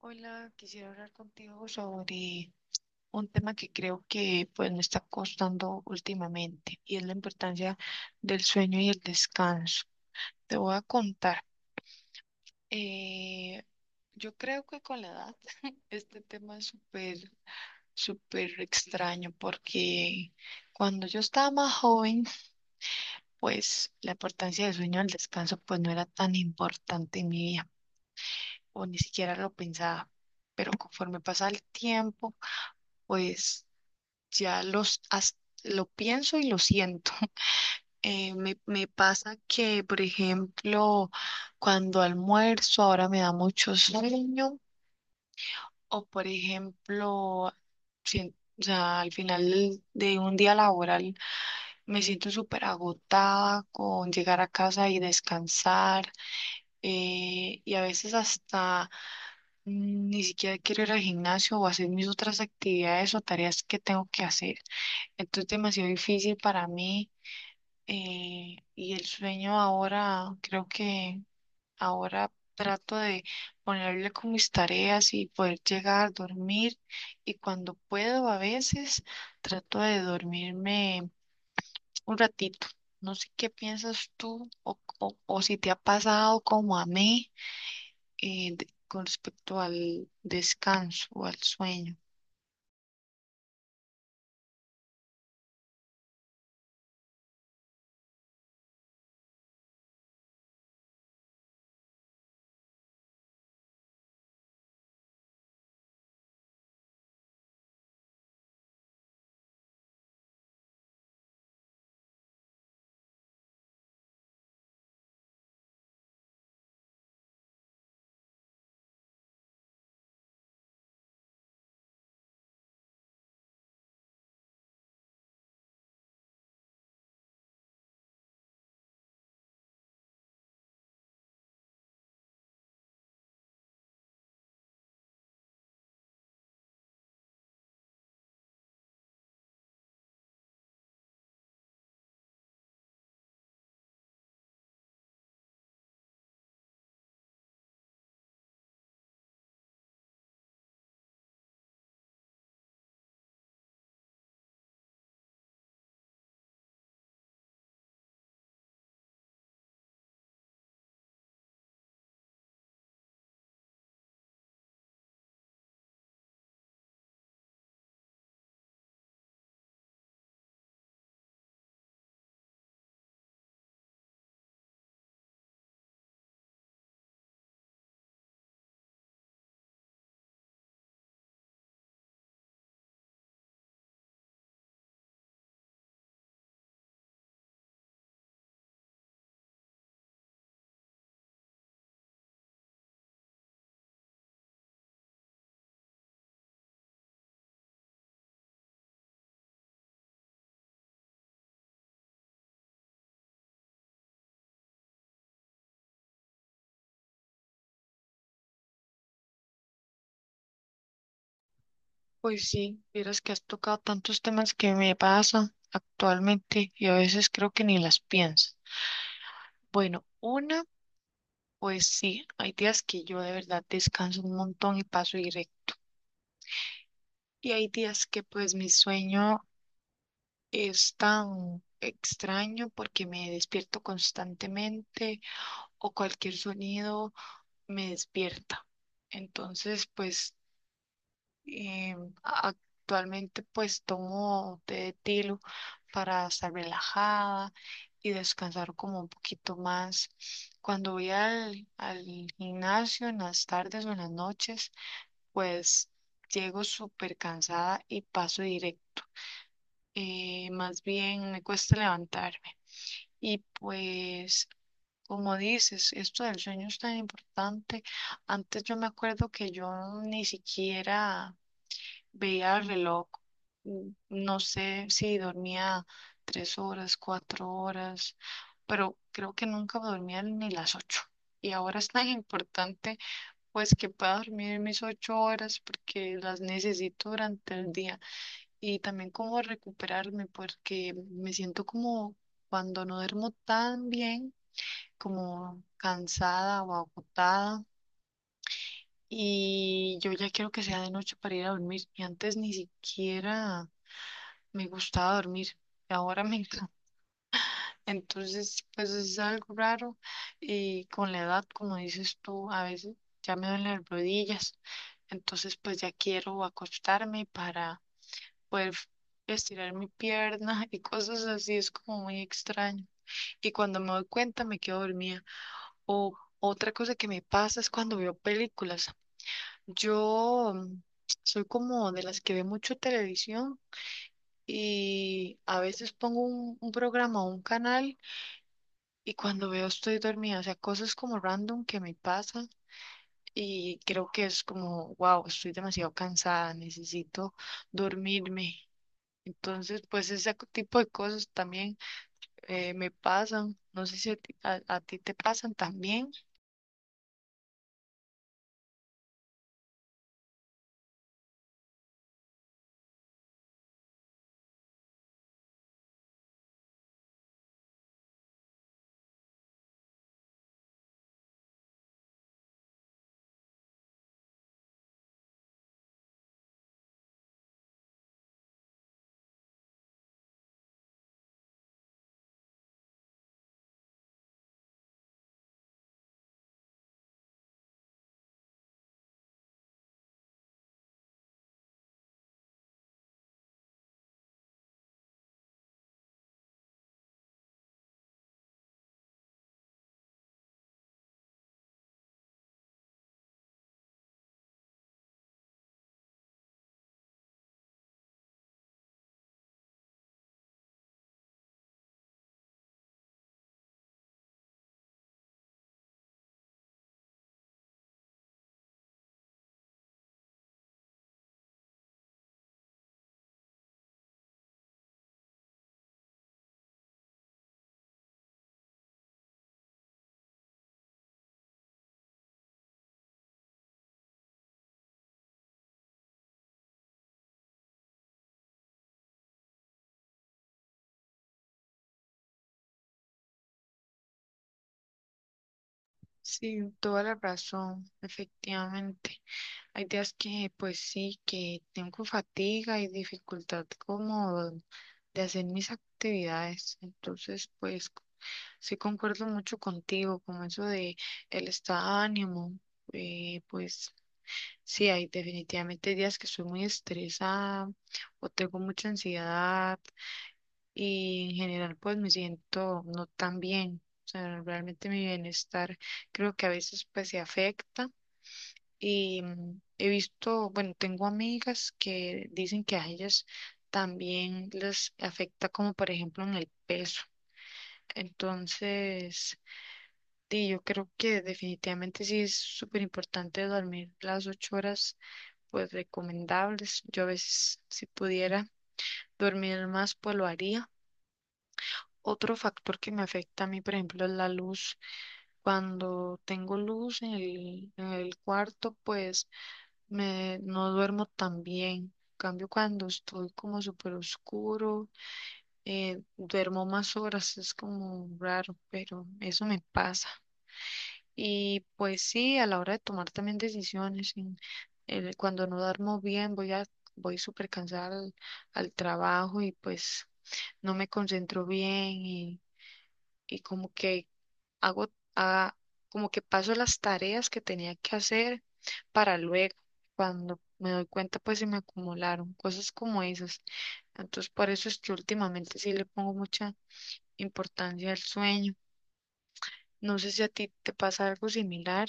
Hola, quisiera hablar contigo sobre un tema que creo que pues me está costando últimamente y es la importancia del sueño y el descanso. Te voy a contar. eh, yo creo que con la edad este tema es súper, súper extraño porque cuando yo estaba más joven, pues la importancia del sueño y el descanso pues no era tan importante en mi vida o ni siquiera lo pensaba. Pero conforme pasa el tiempo, pues ya lo pienso y lo siento. Me pasa que, por ejemplo, cuando almuerzo ahora me da mucho sueño o, por ejemplo, o sea, al final de un día laboral me siento súper agotada con llegar a casa y descansar, y a veces hasta ni siquiera quiero ir al gimnasio o hacer mis otras actividades o tareas que tengo que hacer. Entonces es demasiado difícil para mí. Y el sueño ahora, creo que ahora trato de ponerle con mis tareas y poder llegar, dormir. Y cuando puedo, a veces trato de dormirme un ratito. No sé qué piensas tú, o si te ha pasado como a mí, con respecto al descanso o al sueño. Pues sí, vieras que has tocado tantos temas que me pasan actualmente y a veces creo que ni las pienso. Bueno, una, pues sí, hay días que yo de verdad descanso un montón y paso directo. Y hay días que pues mi sueño es tan extraño porque me despierto constantemente o cualquier sonido me despierta. Entonces, pues, Eh, actualmente pues tomo té de tilo para estar relajada y descansar como un poquito más. Cuando voy al gimnasio en las tardes o en las noches, pues llego súper cansada y paso directo. Más bien me cuesta levantarme. Y pues, como dices, esto del sueño es tan importante. Antes yo me acuerdo que yo ni siquiera veía el reloj, Mm. no sé si dormía 3 horas, 4 horas, pero creo que nunca dormía ni las ocho. Y ahora es tan importante pues que pueda dormir mis 8 horas porque las necesito durante el día y también como recuperarme porque me siento como, cuando no duermo tan bien, como cansada o agotada. Y yo ya quiero que sea de noche para ir a dormir. Y antes ni siquiera me gustaba dormir y ahora me encanta. Entonces, pues es algo raro y con la edad, como dices tú, a veces ya me duelen las rodillas, entonces pues ya quiero acostarme para poder estirar mi pierna y cosas así, es como muy extraño. Y cuando me doy cuenta me quedo dormida. O otra cosa que me pasa es cuando veo películas. Yo soy como de las que ve mucho televisión. Y a veces pongo un programa o un canal y cuando veo estoy dormida, o sea, cosas como random que me pasan y creo que es como, wow, estoy demasiado cansada, necesito dormirme. Entonces, pues ese tipo de cosas también me pasan. No sé si a ti te pasan también. Sí, toda la razón, efectivamente. Hay días que, pues sí, que tengo fatiga y dificultad como de hacer mis actividades. Entonces, pues sí concuerdo mucho contigo, con eso de el estado de ánimo. Pues sí, hay definitivamente días que soy muy estresada o tengo mucha ansiedad y en general pues me siento no tan bien. O sea, realmente mi bienestar creo que a veces pues se afecta y he visto, bueno, tengo amigas que dicen que a ellas también les afecta, como por ejemplo en el peso. Entonces, sí, yo creo que definitivamente sí es súper importante dormir las 8 horas, pues recomendables. Yo a veces, si pudiera dormir más, pues lo haría. Otro factor que me afecta a mí, por ejemplo, es la luz. Cuando tengo luz en el cuarto, pues no duermo tan bien. En cambio, cuando estoy como súper oscuro, duermo más horas, es como raro, pero eso me pasa. Y pues sí, a la hora de tomar también decisiones, cuando no duermo bien, voy súper cansada al trabajo y pues no me concentro bien, y como que hago, ah, como que paso las tareas que tenía que hacer para luego, cuando me doy cuenta, pues se me acumularon cosas como esas. Entonces, por eso es que últimamente sí le pongo mucha importancia al sueño. No sé si a ti te pasa algo similar.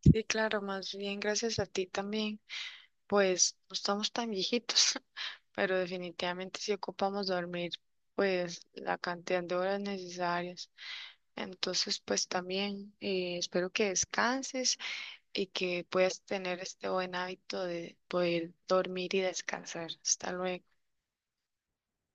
Sí, claro, más bien gracias a ti también, pues no estamos tan viejitos, pero definitivamente sí ocupamos dormir, pues la cantidad de horas necesarias. Entonces, pues también, espero que descanses y que puedas tener este buen hábito de poder dormir y descansar. Hasta luego.